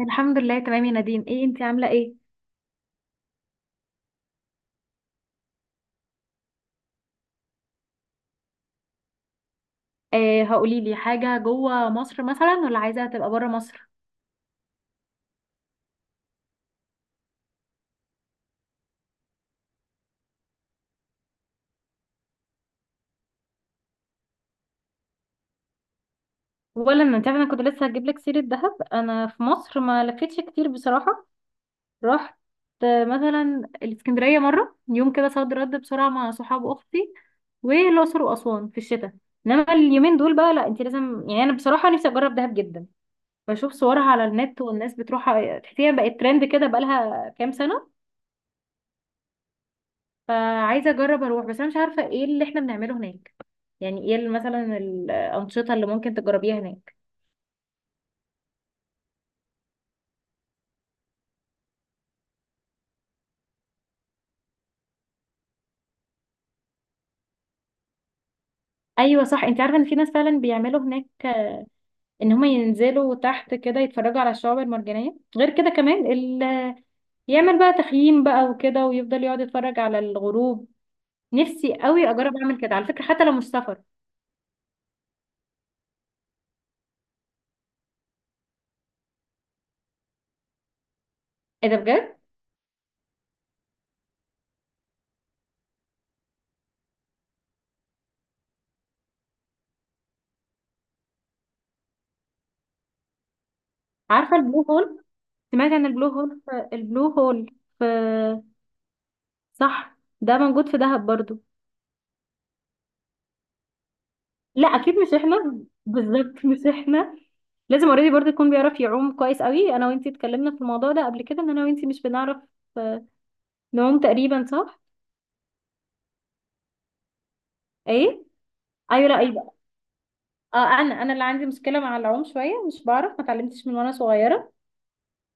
الحمد لله، تمام يا نادين. ايه، انتي عامله ايه؟ آه، هقولي لي حاجه، جوه مصر مثلا ولا عايزه تبقى بره مصر؟ ولا، ما انت عارفه انا كنت لسه هجيب لك سيره دهب. انا في مصر ما لفتش كتير بصراحه. رحت مثلا الاسكندريه مره يوم كده، صد رد بسرعه، مع صحاب اختي. والاقصر واسوان في الشتاء. انما اليومين دول بقى، لا انت لازم، يعني انا بصراحه نفسي اجرب دهب جدا. بشوف صورها على النت والناس بتروحها، تحسيها بقت ترند كده بقالها كام سنه. فعايزه اجرب اروح، بس انا مش عارفه ايه اللي احنا بنعمله هناك. يعني ايه مثلا الانشطه اللي ممكن تجربيها هناك؟ ايوه صح، انت عارفه ان في ناس فعلا بيعملوا هناك، ان هم ينزلوا تحت كده يتفرجوا على الشعاب المرجانيه، غير كده كمان يعمل بقى تخييم بقى وكده، ويفضل يقعد يتفرج على الغروب. نفسي قوي اجرب اعمل كده على فكره، حتى لو مش سفر. ايه ده، بجد؟ عارفه البلو هول؟ سمعت عن البلو هول البلو هول في؟ صح، ده موجود في دهب برضو. لا اكيد مش احنا. بالظبط مش احنا. لازم اوريدي برضه يكون بيعرف يعوم كويس قوي، انا وانتي اتكلمنا في الموضوع ده قبل كده، ان انا وانتي مش بنعرف آه، نعوم تقريبا، صح؟ ايه، ايوه، لا ايوه. اه، انا اللي عندي مشكله مع العوم شويه، مش بعرف، ما اتعلمتش من وانا صغيره.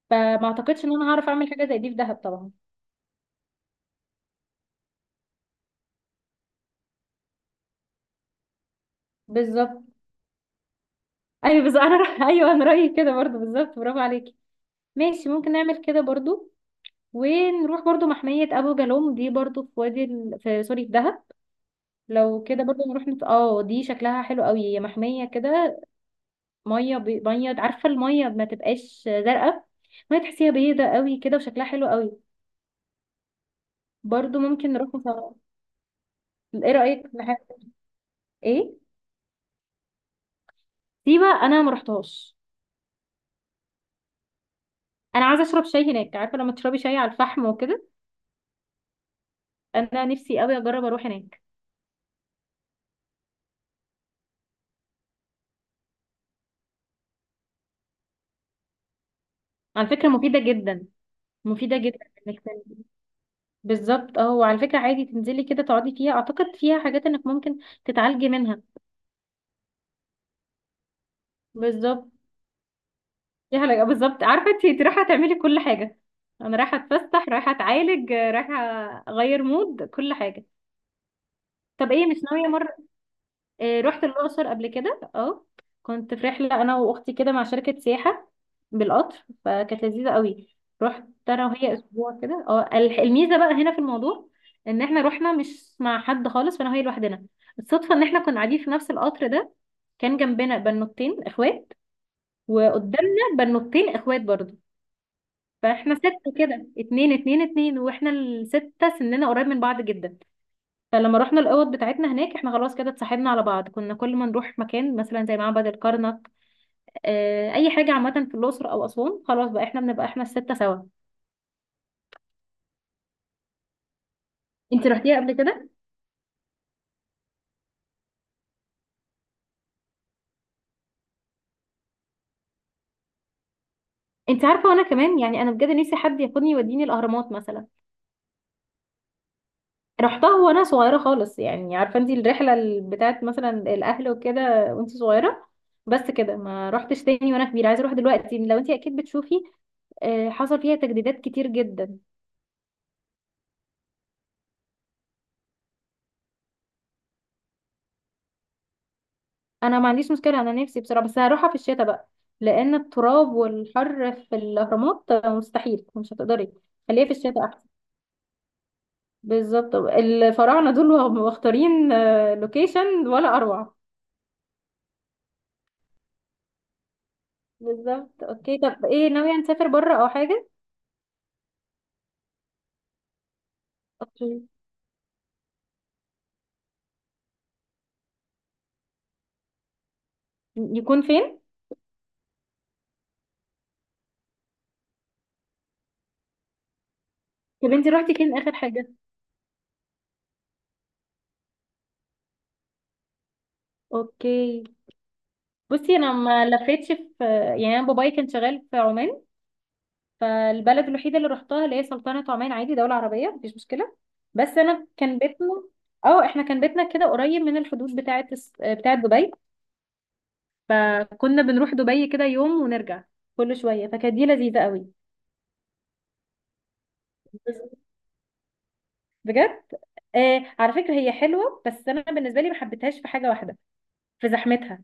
فما اعتقدش ان انا هعرف اعمل حاجه زي دي في دهب طبعا. بالظبط. ايوه بس انا ايوه انا رايي كده برضه بالظبط، برافو عليكي. ماشي، ممكن نعمل كده برضه. ونروح برضه محميه ابو جالوم دي، برضه في وادي في سوري، في دهب. لو كده برضه نروح نت... اه دي شكلها حلو قوي، هي محمية كده. مية مية، عارفة المية ما تبقاش زرقاء؟ مية تحسيها بيضة قوي كده وشكلها حلو قوي. برضه ممكن نروح نصور. ايه رأيك في ايه، سيبة انا ما رحتهاش. انا عايزة اشرب شاي هناك، عارفة لما تشربي شاي على الفحم وكده؟ انا نفسي قوي اجرب اروح هناك. على فكرة مفيدة جدا، مفيدة جدا. انك تن- بالظبط، اه، وعلى فكرة عادي تنزلي كده تقعدي فيها، اعتقد فيها حاجات انك ممكن تتعالجي منها. بالظبط دي حاجة، بالظبط. عارفة انتي رايحة تعملي كل حاجة؟ انا رايحة اتفسح، رايحة اتعالج، رايحة اغير مود كل حاجة. طب ايه، مش ناوية مرة؟ إيه، رحت الأقصر قبل كده، اه. كنت في رحلة انا واختي كده مع شركة سياحة، بالقطر، فكانت لذيذة قوي. رحت انا وهي اسبوع كده، اه الميزة بقى هنا في الموضوع، ان احنا رحنا مش مع حد خالص، فانا وهي لوحدنا. الصدفة ان احنا كنا قاعدين في نفس القطر ده، كان جنبنا بنوتين اخوات، وقدامنا بنوتين اخوات برضو. فاحنا ستة كده، اتنين اتنين اتنين، واحنا الستة سننا قريب من بعض جدا. فلما رحنا الأوض بتاعتنا هناك، احنا خلاص كده اتصاحبنا على بعض، كنا كل ما نروح مكان مثلا زي معبد الكرنك، اه أي حاجة عامة في الأقصر أو أسوان، خلاص بقى احنا بنبقى احنا الستة سوا. انت رحتيها قبل كده؟ انت عارفة وانا كمان، يعني انا بجد نفسي حد ياخدني يوديني الأهرامات مثلا. رحتها وانا صغيره خالص، يعني عارفه انت الرحله بتاعت مثلا الاهل وكده، وانت صغيره. بس كده، ما رحتش تاني وانا كبيره، عايزه اروح دلوقتي، لو انت اكيد بتشوفي حصل فيها تجديدات كتير جدا. انا ما عنديش مشكله، انا نفسي بصراحه، بس هروحها في الشتاء بقى. لان التراب والحر في الاهرامات مستحيل، مش هتقدري. خليها في الشتاء احسن. بالظبط، الفراعنه دول وهم مختارين لوكيشن ولا اروع. بالظبط. اوكي، طب ايه، ناويه نسافر بره او حاجه؟ اوكي، يكون فين؟ طب انت رحتي فين اخر حاجه؟ اوكي، بصي انا ما لفيتش في، يعني انا بابايا كان شغال في عمان. فالبلد الوحيده اللي رحتها اللي هي سلطنه عمان، عادي دوله عربيه، مفيش مشكله. بس انا كان بيتنا، اه احنا كان بيتنا كده قريب من الحدود بتاعه بتاعه دبي. فكنا بنروح دبي كده يوم ونرجع كل شويه، فكانت دي لذيذه قوي. بجد. آه على فكره، هي حلوه بس انا بالنسبه لي ما حبيتهاش في حاجه واحده، في زحمتها.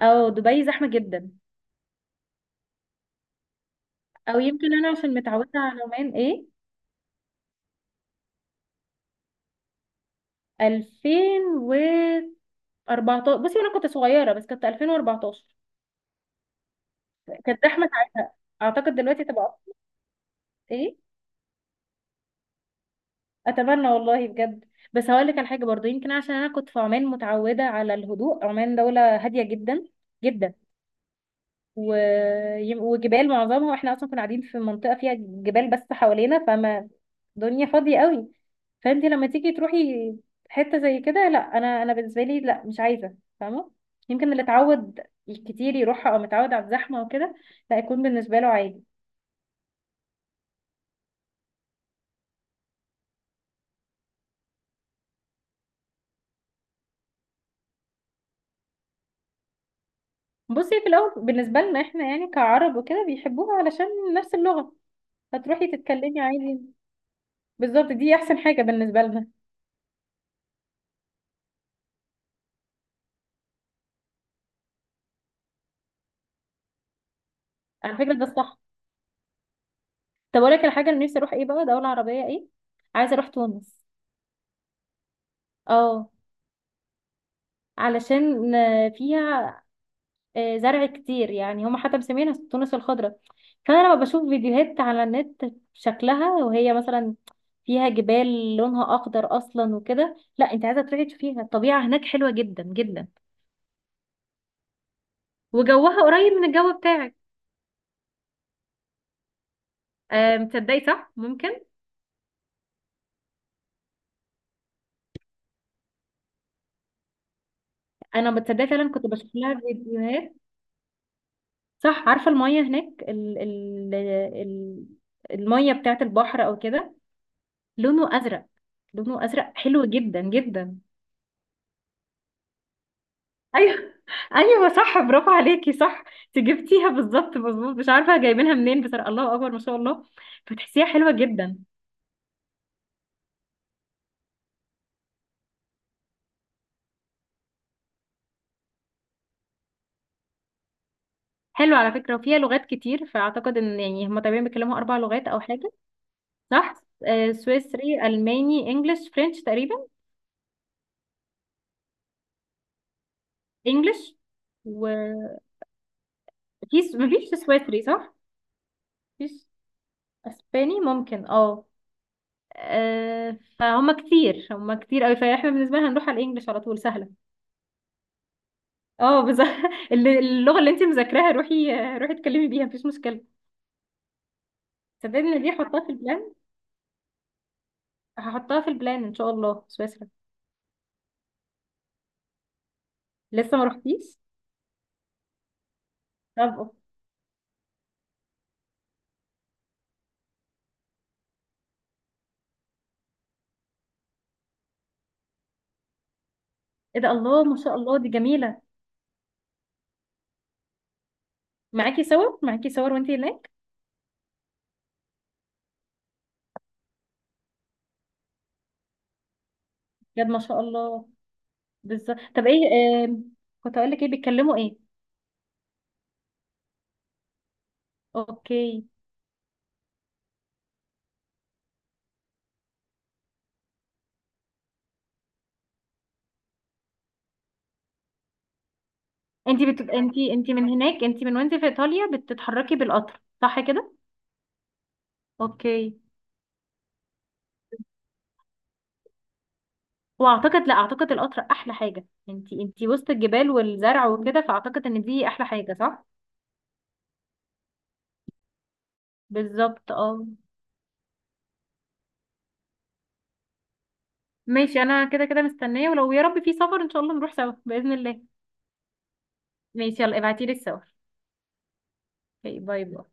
او دبي زحمه جدا. او يمكن انا عشان متعوده على عمان، ايه. 2014. بصي انا كنت صغيره، بس كانت 2014. كانت زحمه ساعتها، اعتقد دلوقتي تبقى أكتر. ايه، اتمنى والله بجد. بس هقول لك على حاجه برضو، يمكن عشان انا كنت في عمان متعوده على الهدوء، عمان دوله هاديه جدا جدا. و... وجبال معظمها، واحنا اصلا كنا قاعدين في منطقه فيها جبال بس حوالينا، فما الدنيا فاضيه قوي. فانت لما تيجي تروحي حته زي كده، لا انا بالنسبه لي لا، مش عايزه، فاهمه؟ يمكن اللي اتعود كتير يروحها او متعود على الزحمه وكده، لا يكون بالنسبه له عادي. بصي، في الاول بالنسبه لنا احنا يعني كعرب وكده بيحبوها علشان نفس اللغه. فتروحي تتكلمي عادي. بالظبط، دي احسن حاجه بالنسبه لنا. على فكره ده الصح. طب اقول لك الحاجه اللي نفسي اروح ايه بقى، دوله عربيه، ايه؟ عايزه اروح تونس. اه، علشان فيها زرع كتير، يعني هم حتى مسمينها التونس الخضراء. فانا لما بشوف فيديوهات على النت، شكلها وهي مثلا فيها جبال لونها اخضر اصلا وكده، لا انت عايزه تروحي تشوفيها، الطبيعه هناك حلوه جدا جدا. وجوها قريب من الجو بتاعك. آه، متصدقي صح، ممكن. انا متصدقه فعلا، كنت بشوف لها فيديوهات. صح، عارفه الميه هناك ال ال ال الميه بتاعت البحر او كده؟ لونه ازرق، لونه ازرق حلو جدا جدا. ايوه، ايوه صح، برافو عليكي. صح انت جبتيها بالظبط، مظبوط، مش عارفه جايبينها منين، بس الله اكبر ما شاء الله. فتحسيها حلوه جدا. حلوه على فكره، وفيها لغات كتير، فاعتقد ان يعني هم تقريبا بيتكلموا اربع لغات او حاجه. صح. آه، سويسري، الماني، انجلش، فرنش تقريبا. انجلش. ومفيش سويسري، صح؟ مفيش. اسباني ممكن، اه. آه، فهم كتير، هم كتير قوي، فاحنا بالنسبه لنا هنروح على الانجليش على طول، سهله. اه بس اللغه اللي انت مذاكراها، روحي، روحي اتكلمي بيها، مفيش مشكله. صدقني إن دي هحطها في البلان. هحطها في البلان، ان شاء الله سويسرا. لسه ما رحتيش. طب ايه ده، الله ما شاء الله، دي جميله. معاكي صور، معاكي صور وانت هناك؟ بجد ما شاء الله. بالظبط. طب ايه كنت اقول لك ايه بيتكلموا ايه؟ اوكي. انت بتبقى انت من هناك، انت من وانت في ايطاليا بتتحركي بالقطر صح كده؟ اوكي، واعتقد، لا اعتقد القطر احلى حاجه، انتي وسط الجبال والزرع وكده، فاعتقد ان دي احلى حاجه، صح؟ بالظبط اه. ماشي انا كده كده مستنيه، ولو يا رب في سفر ان شاء الله نروح سوا باذن الله. ماشي، يلا ابعتيلي الصور. اوكي، باي باي.